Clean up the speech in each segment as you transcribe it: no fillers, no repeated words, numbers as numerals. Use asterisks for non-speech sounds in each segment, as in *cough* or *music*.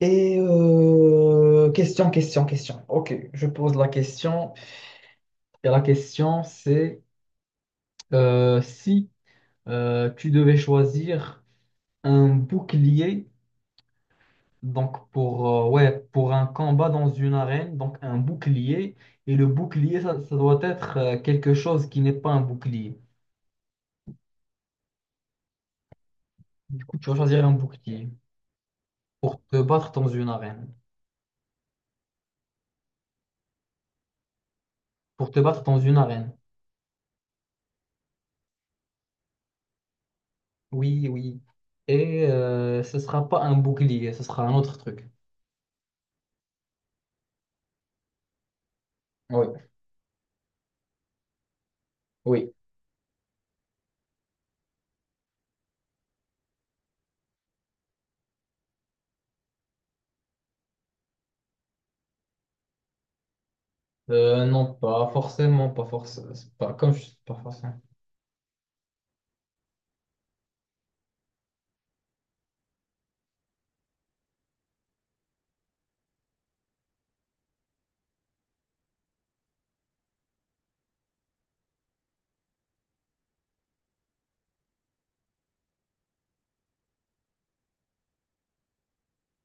Et question. Ok, je pose la question. Et la question, c'est si tu devais choisir un bouclier, donc pour, ouais, pour un combat dans une arène, donc un bouclier, et le bouclier, ça doit être quelque chose qui n'est pas un bouclier. Du coup, tu vas choisir un bouclier pour te battre dans une arène. Pour te battre dans une arène. Oui, oui. Et ce sera pas un bouclier, ce sera un autre truc. Oui. Oui. Non, pas forcément, pas forcément, pas comme je- pas forcément.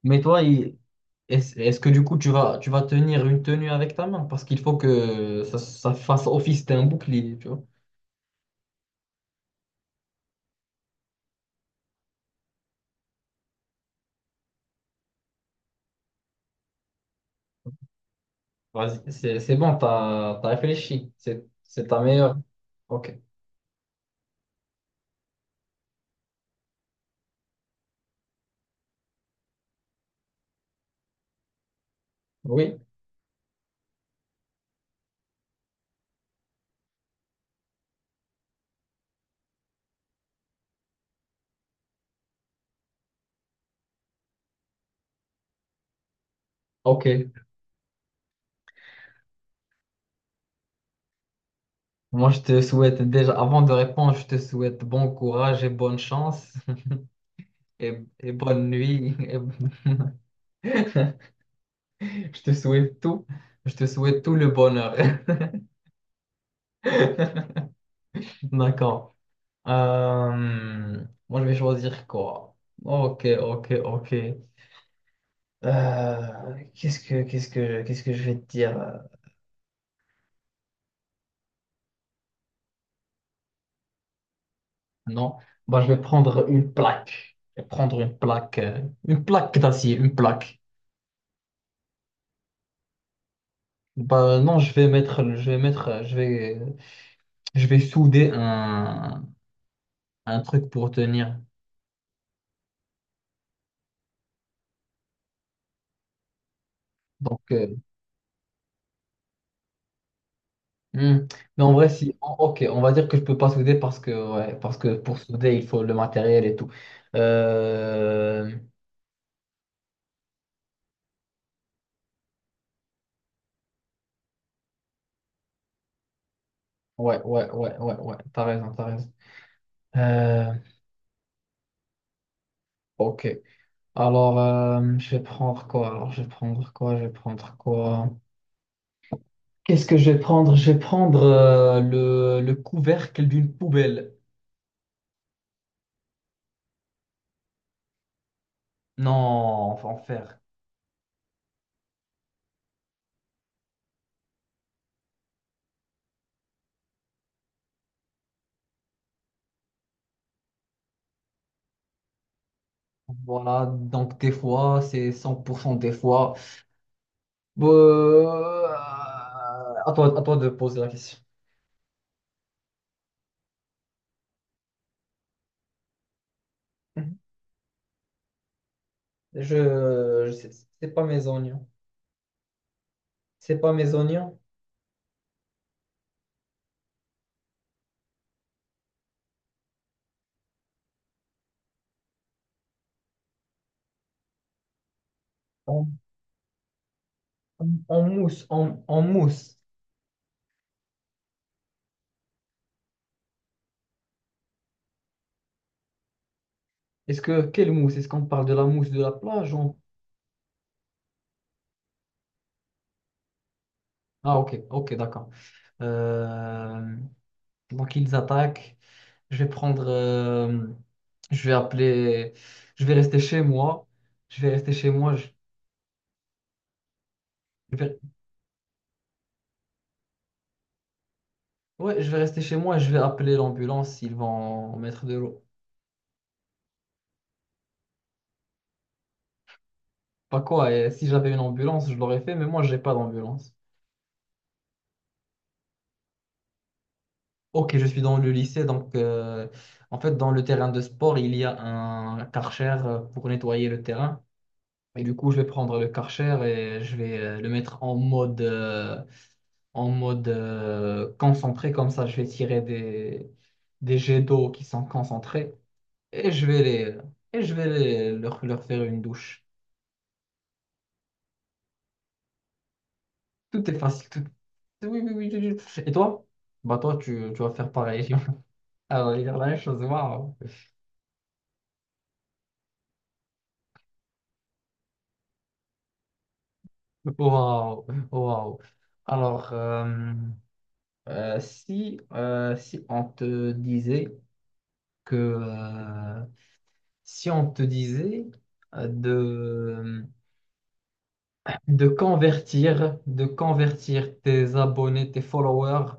Mais toi, est-ce que du coup tu vas tenir une tenue avec ta main? Parce qu'il faut que ça fasse office d'un bouclier, tu vois. Vas-y, c'est bon, t'as réfléchi. C'est ta meilleure. Ok. Oui, ok. Moi, je te souhaite déjà, avant de répondre, je te souhaite bon courage et bonne chance *laughs* et bonne nuit. *laughs* et- *laughs* Je te souhaite tout. Je te souhaite tout le bonheur. *laughs* D'accord. Moi, je vais choisir quoi? Ok, ok, ok. Qu'est-ce que je vais te dire? Non. Bah, je vais prendre une plaque. Je vais prendre une plaque d'acier, une plaque. Bah, non, je vais mettre, je vais souder un truc pour tenir. Donc, Hmm. Mais en vrai, si, ok, on va dire que je peux pas souder parce que, ouais, parce que pour souder, il faut le matériel et tout. Euh, ouais, t'as raison. Euh, ok, alors je vais prendre quoi? Alors je vais prendre quoi? Je vais prendre quoi? Qu'est-ce que je vais prendre? Je vais prendre le couvercle d'une poubelle. Non, on va en faire. Voilà, donc des fois, c'est 100% des fois. Bon, à toi de poser la question. Mhm. Je sais, c'est pas mes oignons. C'est pas mes oignons. En, en mousse, en mousse. Est-ce que quelle mousse? Est-ce qu'on parle de la mousse de la plage ou- Ah ok, ok, d'accord. Euh, donc ils attaquent. Je vais prendre. Je vais appeler. Je vais rester chez moi. Je vais rester chez moi. Je vais, ouais, je vais rester chez moi. Et je vais appeler l'ambulance. Ils vont mettre de l'eau. Pas quoi. Et si j'avais une ambulance, je l'aurais fait. Mais moi, j'ai pas d'ambulance. Ok, je suis dans le lycée, donc en fait dans le terrain de sport, il y a un Karcher pour nettoyer le terrain. Et du coup, je vais prendre le Karcher et je vais le mettre en mode, concentré, comme ça je vais tirer des jets d'eau qui sont concentrés et je vais les, et je vais les- leur faire une douche. Tout est facile, tout... Oui, oui, oui. Oui, oui. Et toi? Bah toi, tu vas faire pareil. *laughs* Alors, il y a la même chose, waouh. Waouh, waouh. Alors, si on te disait que si on te disait euh, de, de convertir tes abonnés, tes followers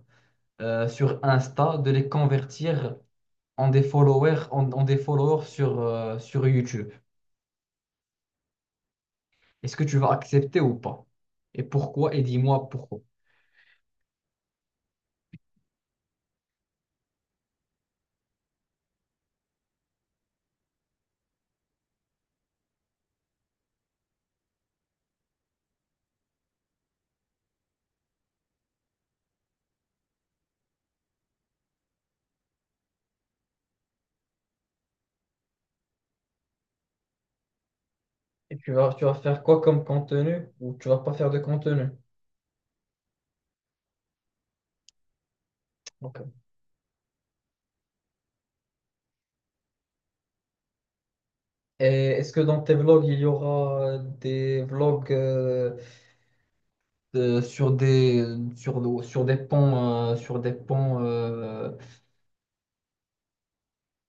sur Insta, de les convertir en des followers, en des followers sur YouTube, est-ce que tu vas accepter ou pas? Et pourquoi? Et dis-moi pourquoi. Et tu vas faire quoi comme contenu ou tu vas pas faire de contenu? Ok. Et est-ce que dans tes vlogs, il y aura des vlogs de- sur des sur des ponts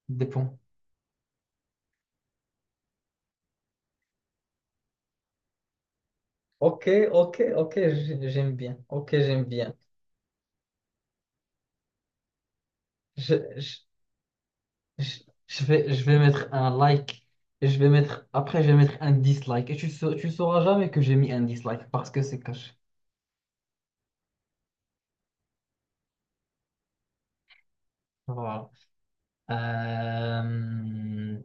des ponts. Ok, ok, ok, j'aime bien. Ok, j'aime bien. Je, je, je, je vais mettre un like et je vais mettre après je vais mettre un dislike et tu sauras jamais que j'ai mis un dislike parce que c'est caché. Voilà. Euh,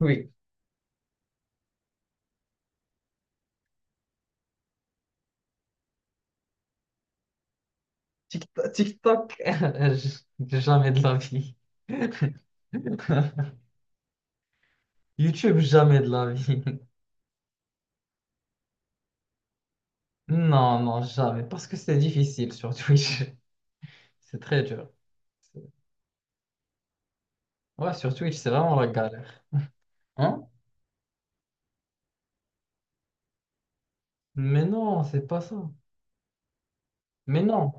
Oui. TikTok, TikTok, *laughs* jamais de la vie. *laughs* YouTube, jamais de la vie. Non, non, jamais. Parce que c'est difficile sur Twitch. *laughs* C'est très dur. C'est- Ouais, sur Twitch, c'est vraiment la galère. Hein? Mais non, c'est pas ça. Mais non,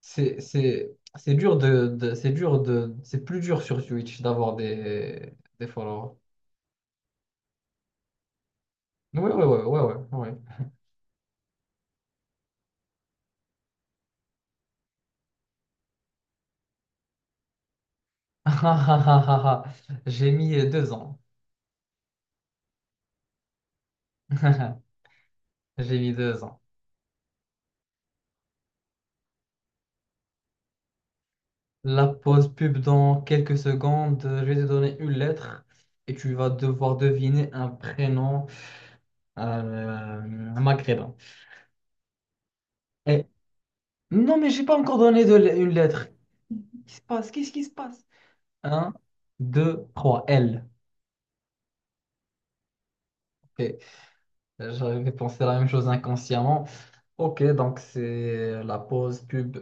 c'est c'est dur de c'est plus dur sur Twitch d'avoir des followers. Oui, oui, oui, oui, oui, oui. *laughs* J'ai mis 2 ans. *laughs* J'ai mis deux ans. La pause pub dans quelques secondes. Je vais te donner une lettre et tu vas devoir deviner un prénom maghrébin. Et... Non, mais j'ai pas encore une lettre. Qu'est-ce qui se passe? Qu'est-ce qui se passe? Un, deux, trois. L. Ok. J'avais pensé la même chose inconsciemment. Ok, donc c'est la pause pub.